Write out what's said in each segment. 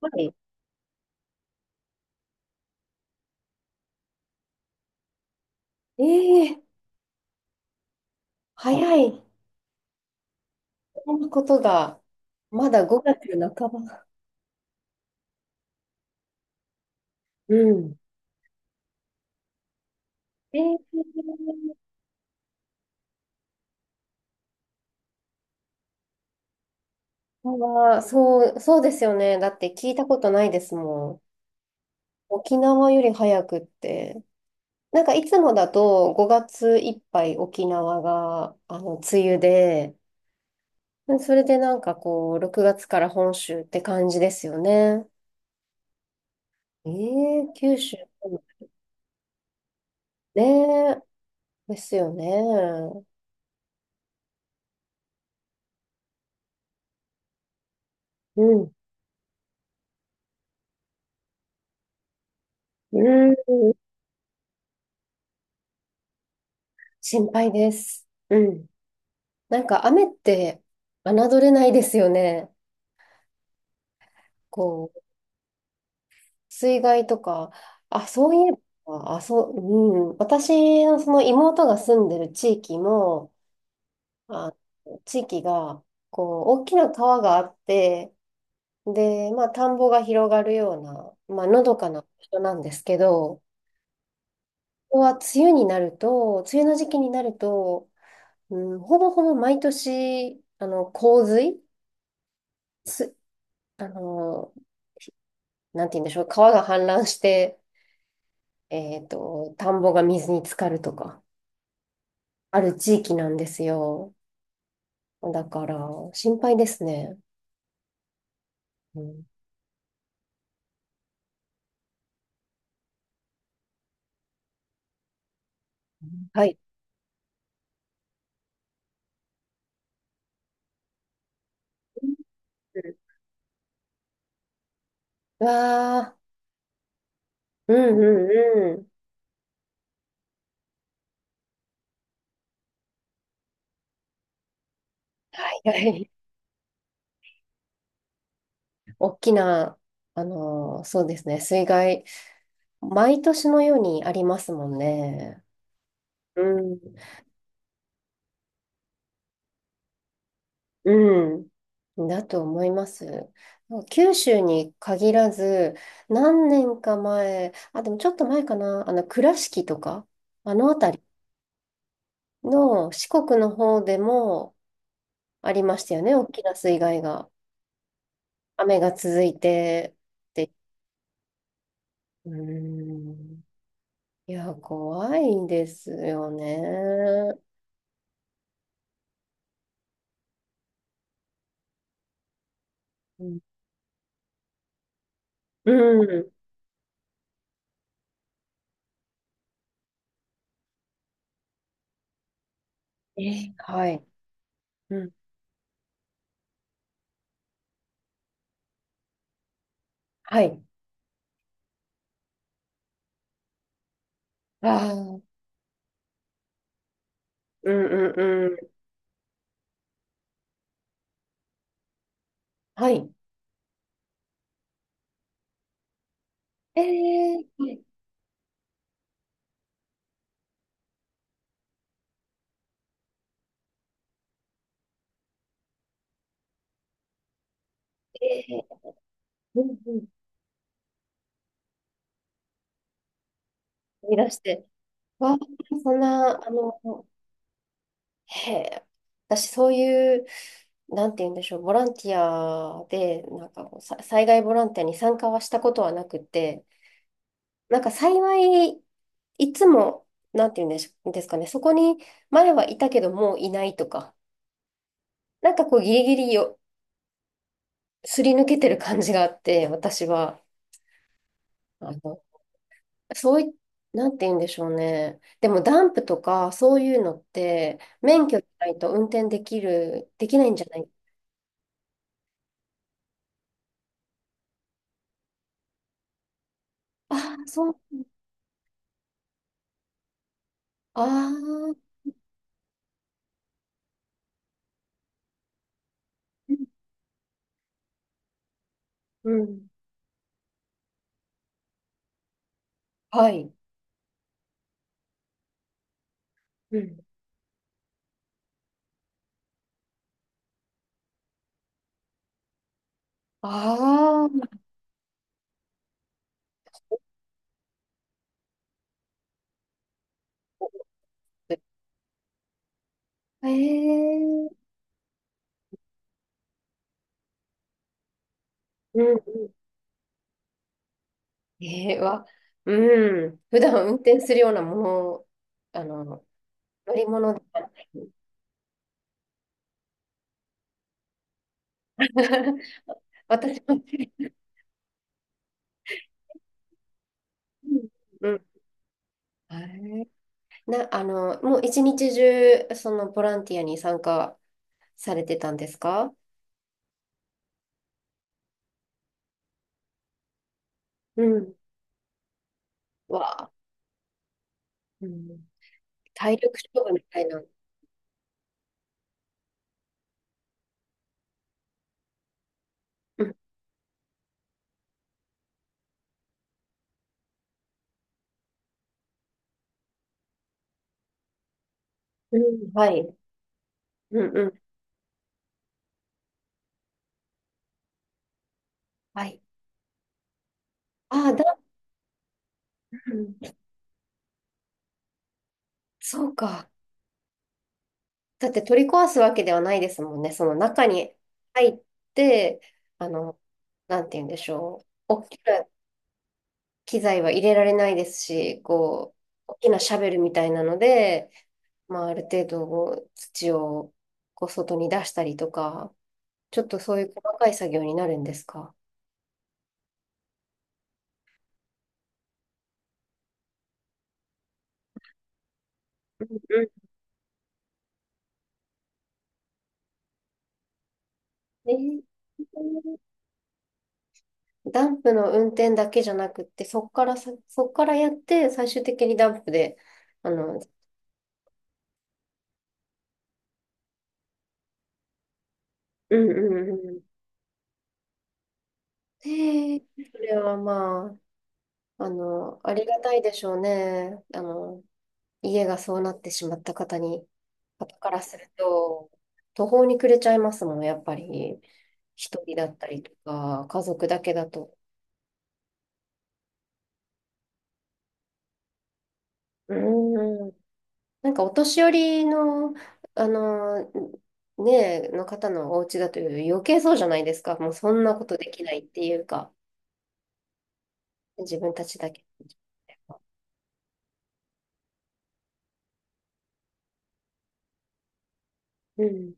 はい。ええ、早い。そんなことが、まだ5月半ば。うん。ええ、そう、そうですよね。だって聞いたことないですもん。沖縄より早くって。なんかいつもだと5月いっぱい沖縄が、梅雨で、それでなんかこう、6月から本州って感じですよね。ええ、九州。ねえ、ですよね。うん。うん。心配です。うん。なんか雨って侮れないですよね。こう、水害とか、あ、そういえば、あ、そう、うん。私のその妹が住んでる地域も、あ、地域が、こう、大きな川があって、で、まあ、田んぼが広がるような、まあ、のどかな人なんですけど、ここは梅雨になると、梅雨の時期になると、うん、ほぼほぼ毎年、洪水、す、あの、なんて言うんでしょう、川が氾濫して、田んぼが水に浸かるとか、ある地域なんですよ。だから、心配ですね。うん、はい。うん。わー、うんうんうん。はいはい。大きな、そうですね、水害、毎年のようにありますもんね。うん。うん。だと思います。九州に限らず、何年か前、あ、でもちょっと前かな、倉敷とか、あの辺りの四国の方でもありましたよね、大きな水害が。雨が続いてって、うーん。いや、怖いですよね。うん。うん。え、はい。うん。はい。ああ。うんうんうん。はい。えー、えーうんうん。飛出して。わあ、そんな、へえ、私そういう、なんて言うんでしょう、ボランティアで、なんかこう、災害ボランティアに参加はしたことはなくて、なんか幸い、いつも、なんて言うんでしょですかね、そこに前はいたけどもういないとか、なんかこう、ギリギリよ、すり抜けてる感じがあって、私は、あの、そうい、なんて言うんでしょうね。でもダンプとかそういうのって免許じゃないと運転できる、できないんじゃない。ああ、そう。ああ、うん。はい。うん。ああ、ええ、うんうん。ええわ。うん。普段運転するようなもの、あの、乗り物ではない。私も。うんうん。はい。な、もう一日中、そのボランティアに参加されてたんですか。うん。わあ、うん。体力勝負みたいな。うん、うん。はい。うんうん。はい。ああ、うん、そうか。だって取り壊すわけではないですもんね。その中に入って、あの、なんて言うんでしょう。大きな機材は入れられないですし、こう、大きなシャベルみたいなので、まあ、ある程度こう土をこう外に出したりとか、ちょっとそういう細かい作業になるんですか。うん。えダンプの運転だけじゃなくって、そっからやって、最終的にダンプで、あの、うんうんうん。へえ。それはまあ、ありがたいでしょうね。家がそうなってしまった方からすると、途方に暮れちゃいますもん、やっぱり。一人だったりとか、家族だけだと。うん。なんかお年寄りの、あの、ねえ、の方のお家だと余計そうじゃないですか。もうそんなことできないっていうか、自分たちだけ。うん。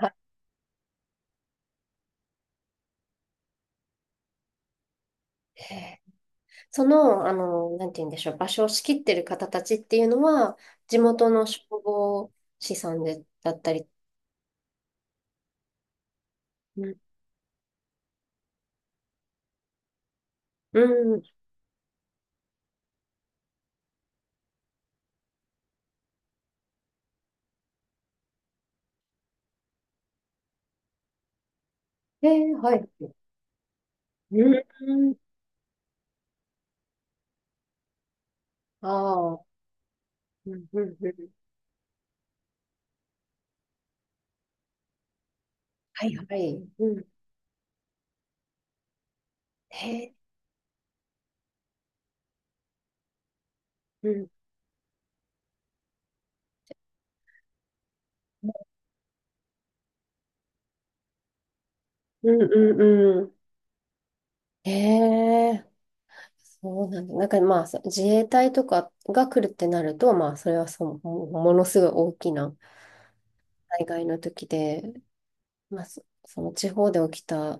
はい。へえ。その、なんて言うんでしょう、場所を仕切ってる方たちっていうのは、地元の消防士さんで、だったり。うん。うん。えはい。うん。ああ。うん、うん、うん。はい、はい。うん。へえ。うん。うんうんうん。へえ、そうなんだ。なんかまあ、自衛隊とかが来るってなると、まあ、それはその、ものすごい大きな災害の時で、まあ、その地方で起きた、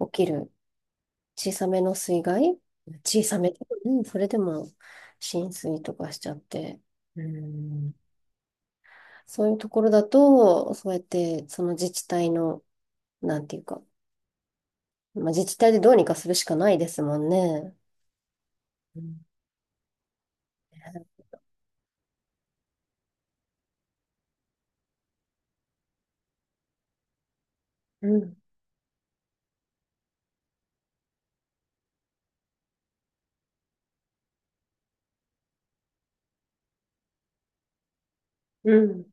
起きる小さめの水害、小さめ、うん、それでも浸水とかしちゃって、うん、そういうところだと、そうやって、その自治体の、なんていうか、まあ、自治体でどうにかするしかないですもんね。うん、うん、うん